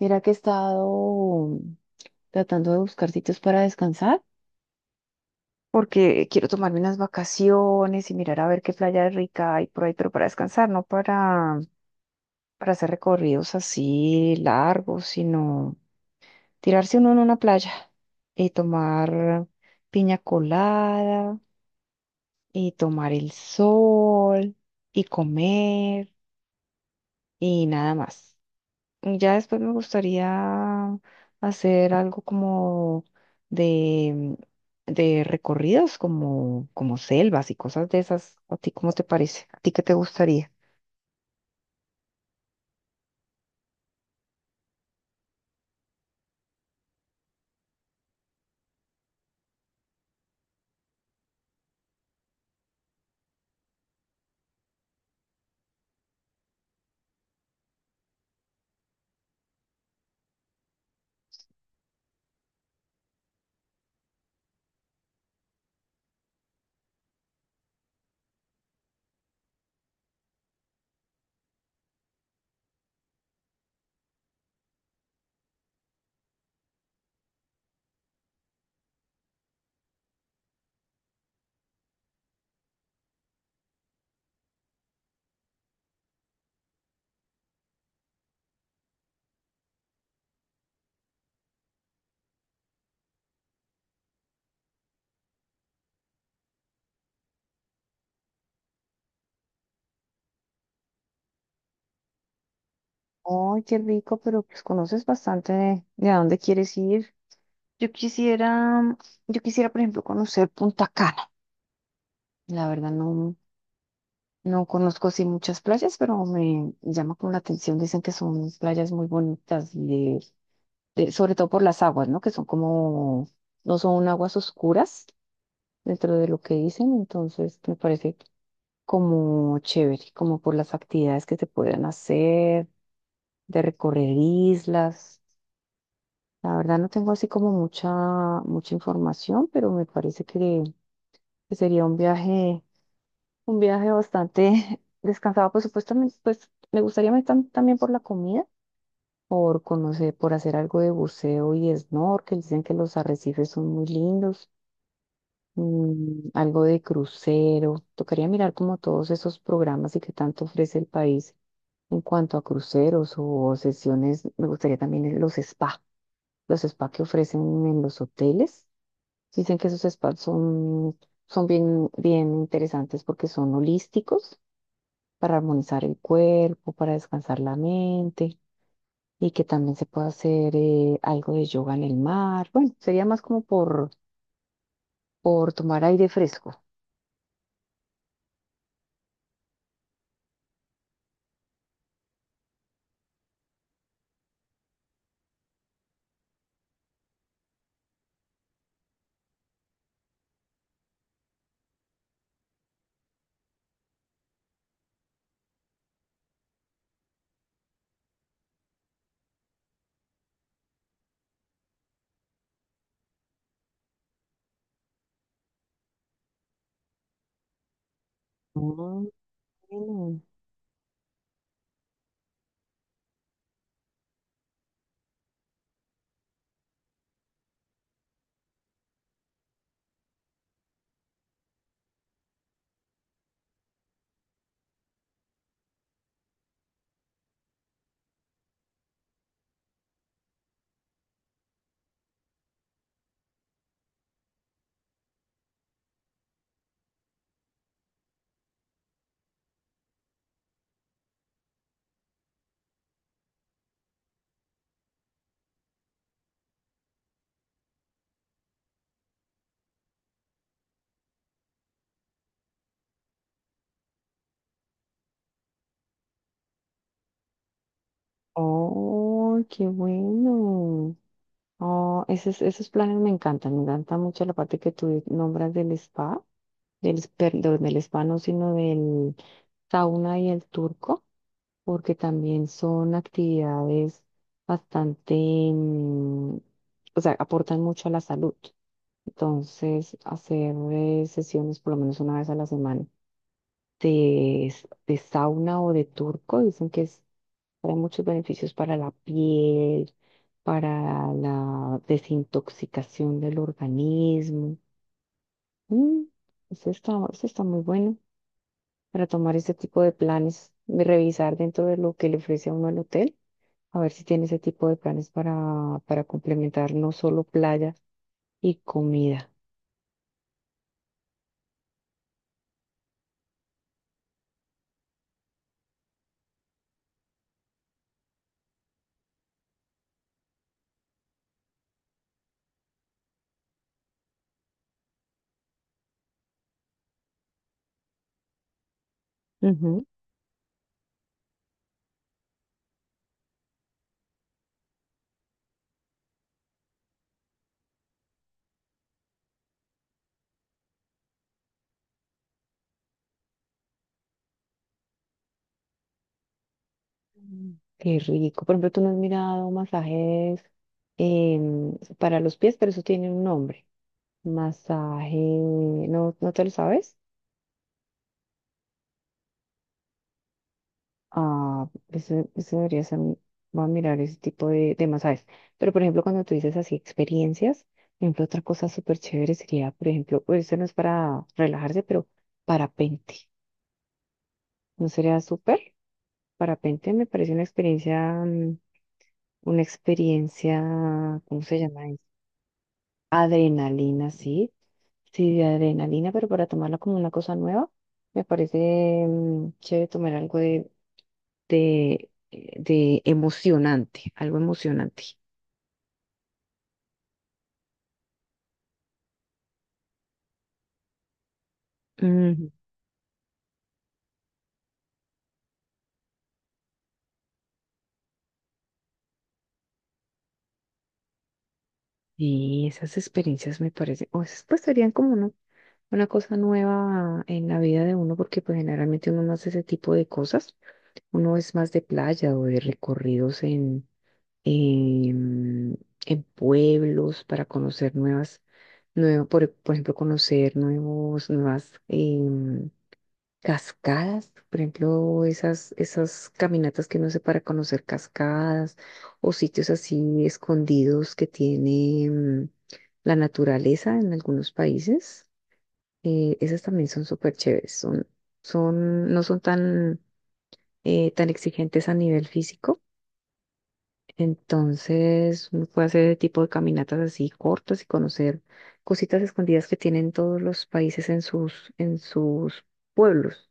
Mira que he estado tratando de buscar sitios para descansar porque quiero tomarme unas vacaciones y mirar a ver qué playa rica hay por ahí, pero para descansar, no para hacer recorridos así largos, sino tirarse uno en una playa y tomar piña colada y tomar el sol y comer y nada más. Ya después me gustaría hacer algo como de, de recorridos, como, como selvas y cosas de esas. ¿A ti cómo te parece? ¿A ti qué te gustaría? Ay, qué rico, pero pues conoces bastante de a dónde quieres ir. Yo quisiera, yo quisiera, por ejemplo, conocer Punta Cana. La verdad no conozco así muchas playas, pero me llama como la atención. Dicen que son playas muy bonitas y sobre todo por las aguas, ¿no? Que son como, no son aguas oscuras dentro de lo que dicen, entonces me parece como chévere, como por las actividades que se pueden hacer, de recorrer islas. La verdad no tengo así como mucha información, pero me parece que sería un viaje bastante descansado. Por supuesto, también, pues me gustaría también por la comida, por conocer, por hacer algo de buceo y snorkel. Dicen que los arrecifes son muy lindos. Algo de crucero. Tocaría mirar como todos esos programas y qué tanto ofrece el país en cuanto a cruceros o sesiones. Me gustaría también los spa que ofrecen en los hoteles. Dicen que esos son bien interesantes porque son holísticos para armonizar el cuerpo, para descansar la mente y que también se puede hacer algo de yoga en el mar. Bueno, sería más como por tomar aire fresco. Mm, bueno. Oh, qué bueno. Oh, esos planes me encantan. Me encanta mucho la parte que tú nombras del spa, del spa no, sino del sauna y el turco, porque también son actividades bastante, o sea, aportan mucho a la salud. Entonces, hacer sesiones por lo menos una vez a la semana de sauna o de turco, dicen que es hay muchos beneficios para la piel, para la desintoxicación del organismo. Mm, eso está muy bueno para tomar ese tipo de planes, y revisar dentro de lo que le ofrece a uno el hotel, a ver si tiene ese tipo de planes para complementar no solo playa y comida. Ujú. Mm. Qué rico. Por ejemplo, tú no has mirado masajes para los pies, pero eso tiene un nombre. Masaje, ¿no te lo sabes? Ah, eso voy a mirar ese tipo de masajes. Pero, por ejemplo, cuando tú dices así experiencias, por ejemplo, otra cosa súper chévere sería, por ejemplo, pues eso no es para relajarse, pero parapente. ¿No sería súper? Parapente me parece una experiencia, una experiencia, ¿cómo se llama eso? Adrenalina, sí. Sí, de adrenalina, pero para tomarla como una cosa nueva, me parece chévere tomar algo de emocionante, algo emocionante. Ujú. Y esas experiencias me parecen, o esas pues serían como una cosa nueva en la vida de uno, porque pues generalmente uno no hace ese tipo de cosas. Uno es más de playa o de recorridos en, en pueblos para conocer nuevas, nuevo, por ejemplo, conocer nuevos, nuevas, cascadas, por ejemplo, esas caminatas que uno hace para conocer cascadas o sitios así escondidos que tiene la naturaleza en algunos países. Esas también son súper chéveres, no son tan, tan exigentes a nivel físico, entonces uno puede hacer ese tipo de caminatas así cortas y conocer cositas escondidas que tienen todos los países en sus pueblos.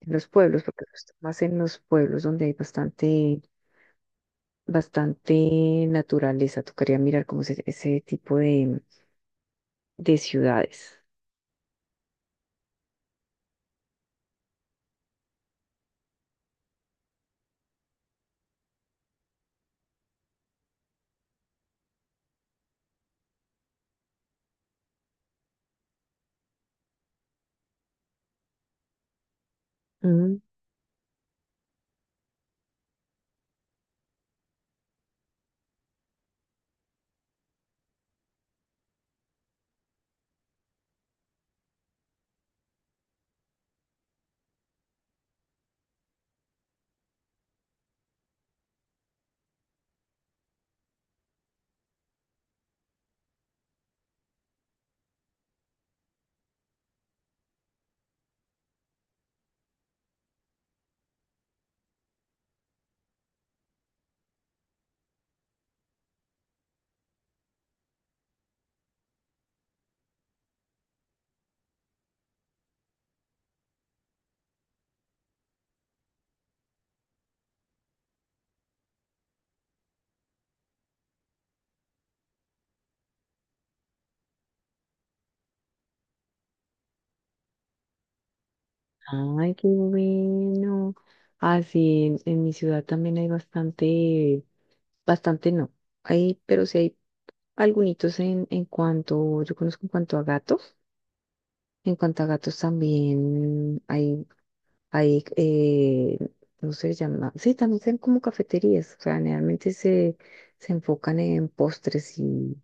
En los pueblos, porque está más en los pueblos donde hay bastante, bastante naturaleza. Tocaría mirar como ese tipo de ciudades. Mm, ay, qué bueno. Así en mi ciudad también hay bastante, bastante no. Hay, pero sí hay algunos yo conozco en cuanto a gatos. En cuanto a gatos también hay. Hay, eh, no se llama, sí, también son como cafeterías, o sea, se enfocan en postres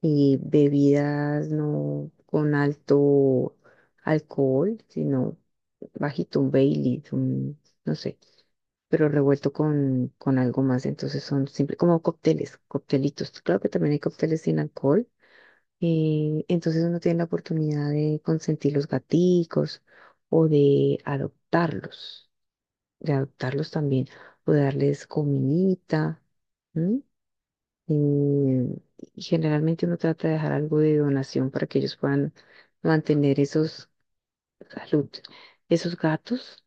y bebidas no con alto alcohol, sino bajito, un Bailey, no sé, pero revuelto con algo más, entonces son simple, como cócteles, coctelitos, claro que también hay cócteles sin alcohol, entonces uno tiene la oportunidad de consentir los gaticos o de adoptarlos, de adoptarlos también o de darles comidita. ¿M? Y, y generalmente uno trata de dejar algo de donación para que ellos puedan mantener salud, esos gatos,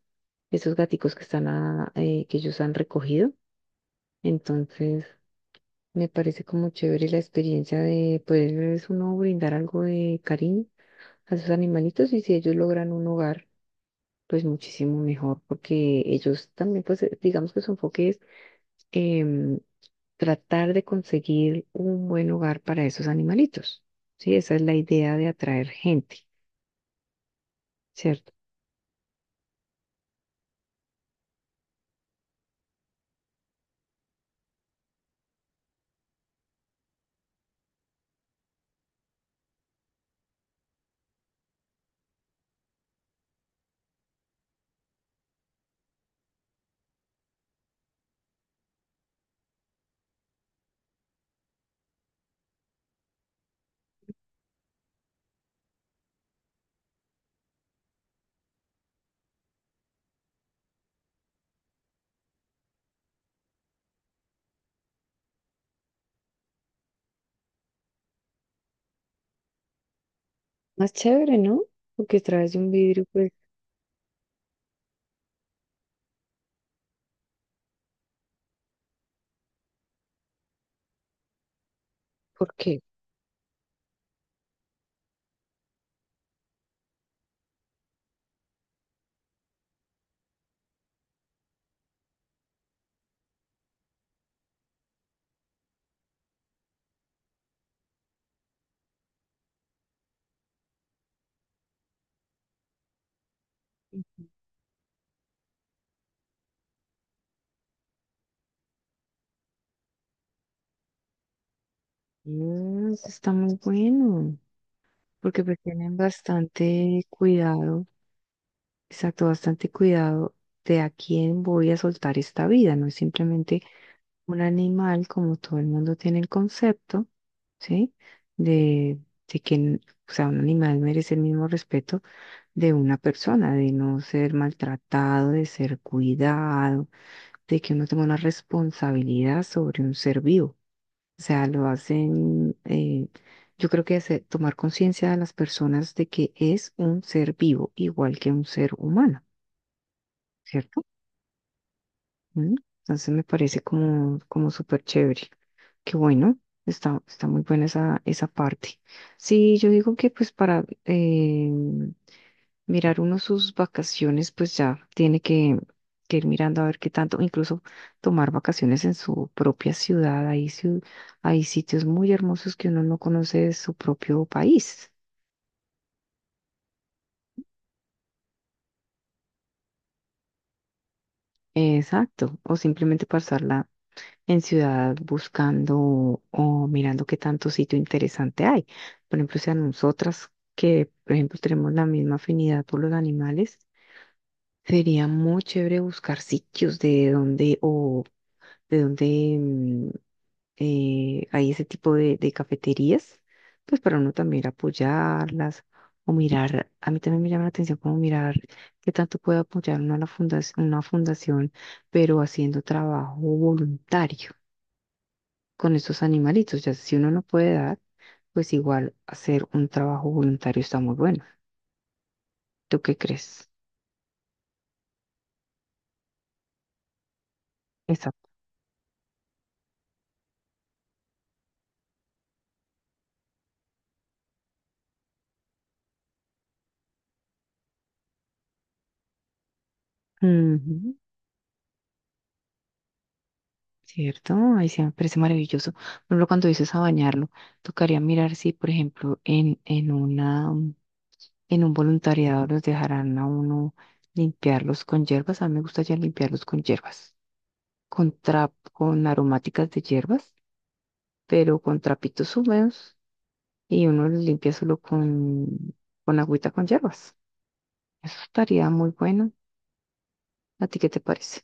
esos gaticos que están que ellos han recogido. Entonces, me parece como chévere la experiencia de poderles uno brindar algo de cariño a sus animalitos y si ellos logran un hogar, pues muchísimo mejor, porque ellos también, pues digamos que su enfoque es em, tratar de conseguir un buen hogar para esos animalitos. Sí, esa es la idea de atraer gente, ¿cierto? Más chévere, ¿no? Porque a través de un vidrio, pues, ¿por qué? Mm, eso está muy bueno, porque pues tienen bastante cuidado, exacto, bastante cuidado de a quién voy a soltar esta vida, no es simplemente un animal como todo el mundo tiene el concepto, ¿sí? De, de que, o sea, un animal merece el mismo respeto de una persona, de no ser maltratado, de ser cuidado, de que uno tenga una responsabilidad sobre un ser vivo. O sea, lo hacen, yo creo que hace tomar conciencia de las personas de que es un ser vivo, igual que un ser humano, ¿cierto? ¿Mm? Entonces me parece como, como súper chévere. Qué bueno, está muy buena esa parte. Sí, yo digo que pues para, mirar uno sus vacaciones, pues ya tiene que ir mirando a ver qué tanto, incluso tomar vacaciones en su propia ciudad. Hay sitios muy hermosos que uno no conoce de su propio país. Exacto. O simplemente pasarla en ciudad buscando o mirando qué tanto sitio interesante hay. Por ejemplo, si a nosotras que, por ejemplo, tenemos la misma afinidad por los animales, sería muy chévere buscar sitios de donde o de dónde hay ese tipo de cafeterías, pues para uno también ir a apoyarlas o mirar, a mí también me llama la atención como mirar qué tanto puede apoyar uno a la fundación, una fundación, pero haciendo trabajo voluntario con estos animalitos, ya si uno no puede dar, pues igual hacer un trabajo voluntario está muy bueno. ¿Tú qué crees? Exacto. Ujú. Cierto, ahí sí me parece maravilloso. Por ejemplo, cuando dices a bañarlo, tocaría mirar si, por ejemplo, en un voluntariado los dejarán a uno limpiarlos con hierbas. A mí me gusta ya limpiarlos con hierbas, con aromáticas de hierbas, pero con trapitos húmedos y uno los limpia solo con agüita con hierbas. Eso estaría muy bueno. ¿A ti qué te parece?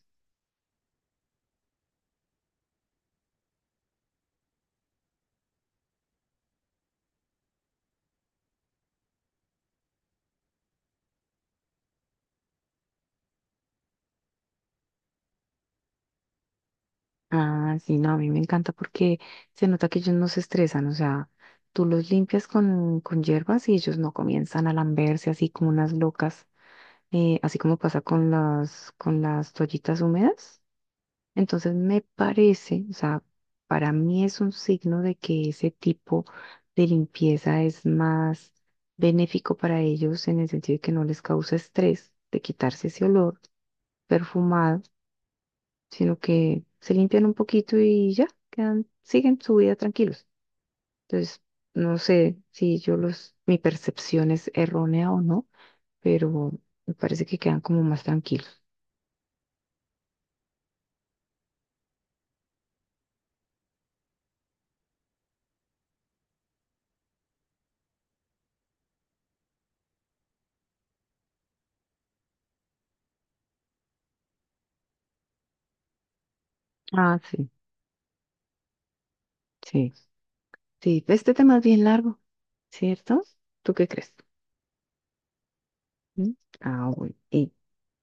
Ah, sí, no, a mí me encanta porque se nota que ellos no se estresan, o sea, tú los limpias con hierbas y ellos no comienzan a lamberse así como unas locas así como pasa con con las toallitas húmedas. Entonces me parece, o sea, para mí es un signo de que ese tipo de limpieza es más benéfico para ellos en el sentido de que no les causa estrés de quitarse ese olor perfumado, sino que se limpian un poquito y ya, quedan, siguen su vida tranquilos. Entonces, no sé si mi percepción es errónea o no, pero me parece que quedan como más tranquilos. Ah, sí, sí. Sí, este tema es bien largo. ¿Cierto? ¿Tú qué crees? ¿Mm? Ah, bueno. ¿Y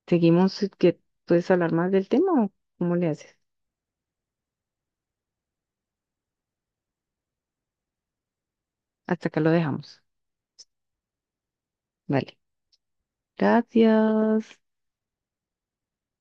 seguimos? Que ¿Puedes hablar más del tema o cómo le haces? Hasta acá lo dejamos. Vale. Gracias.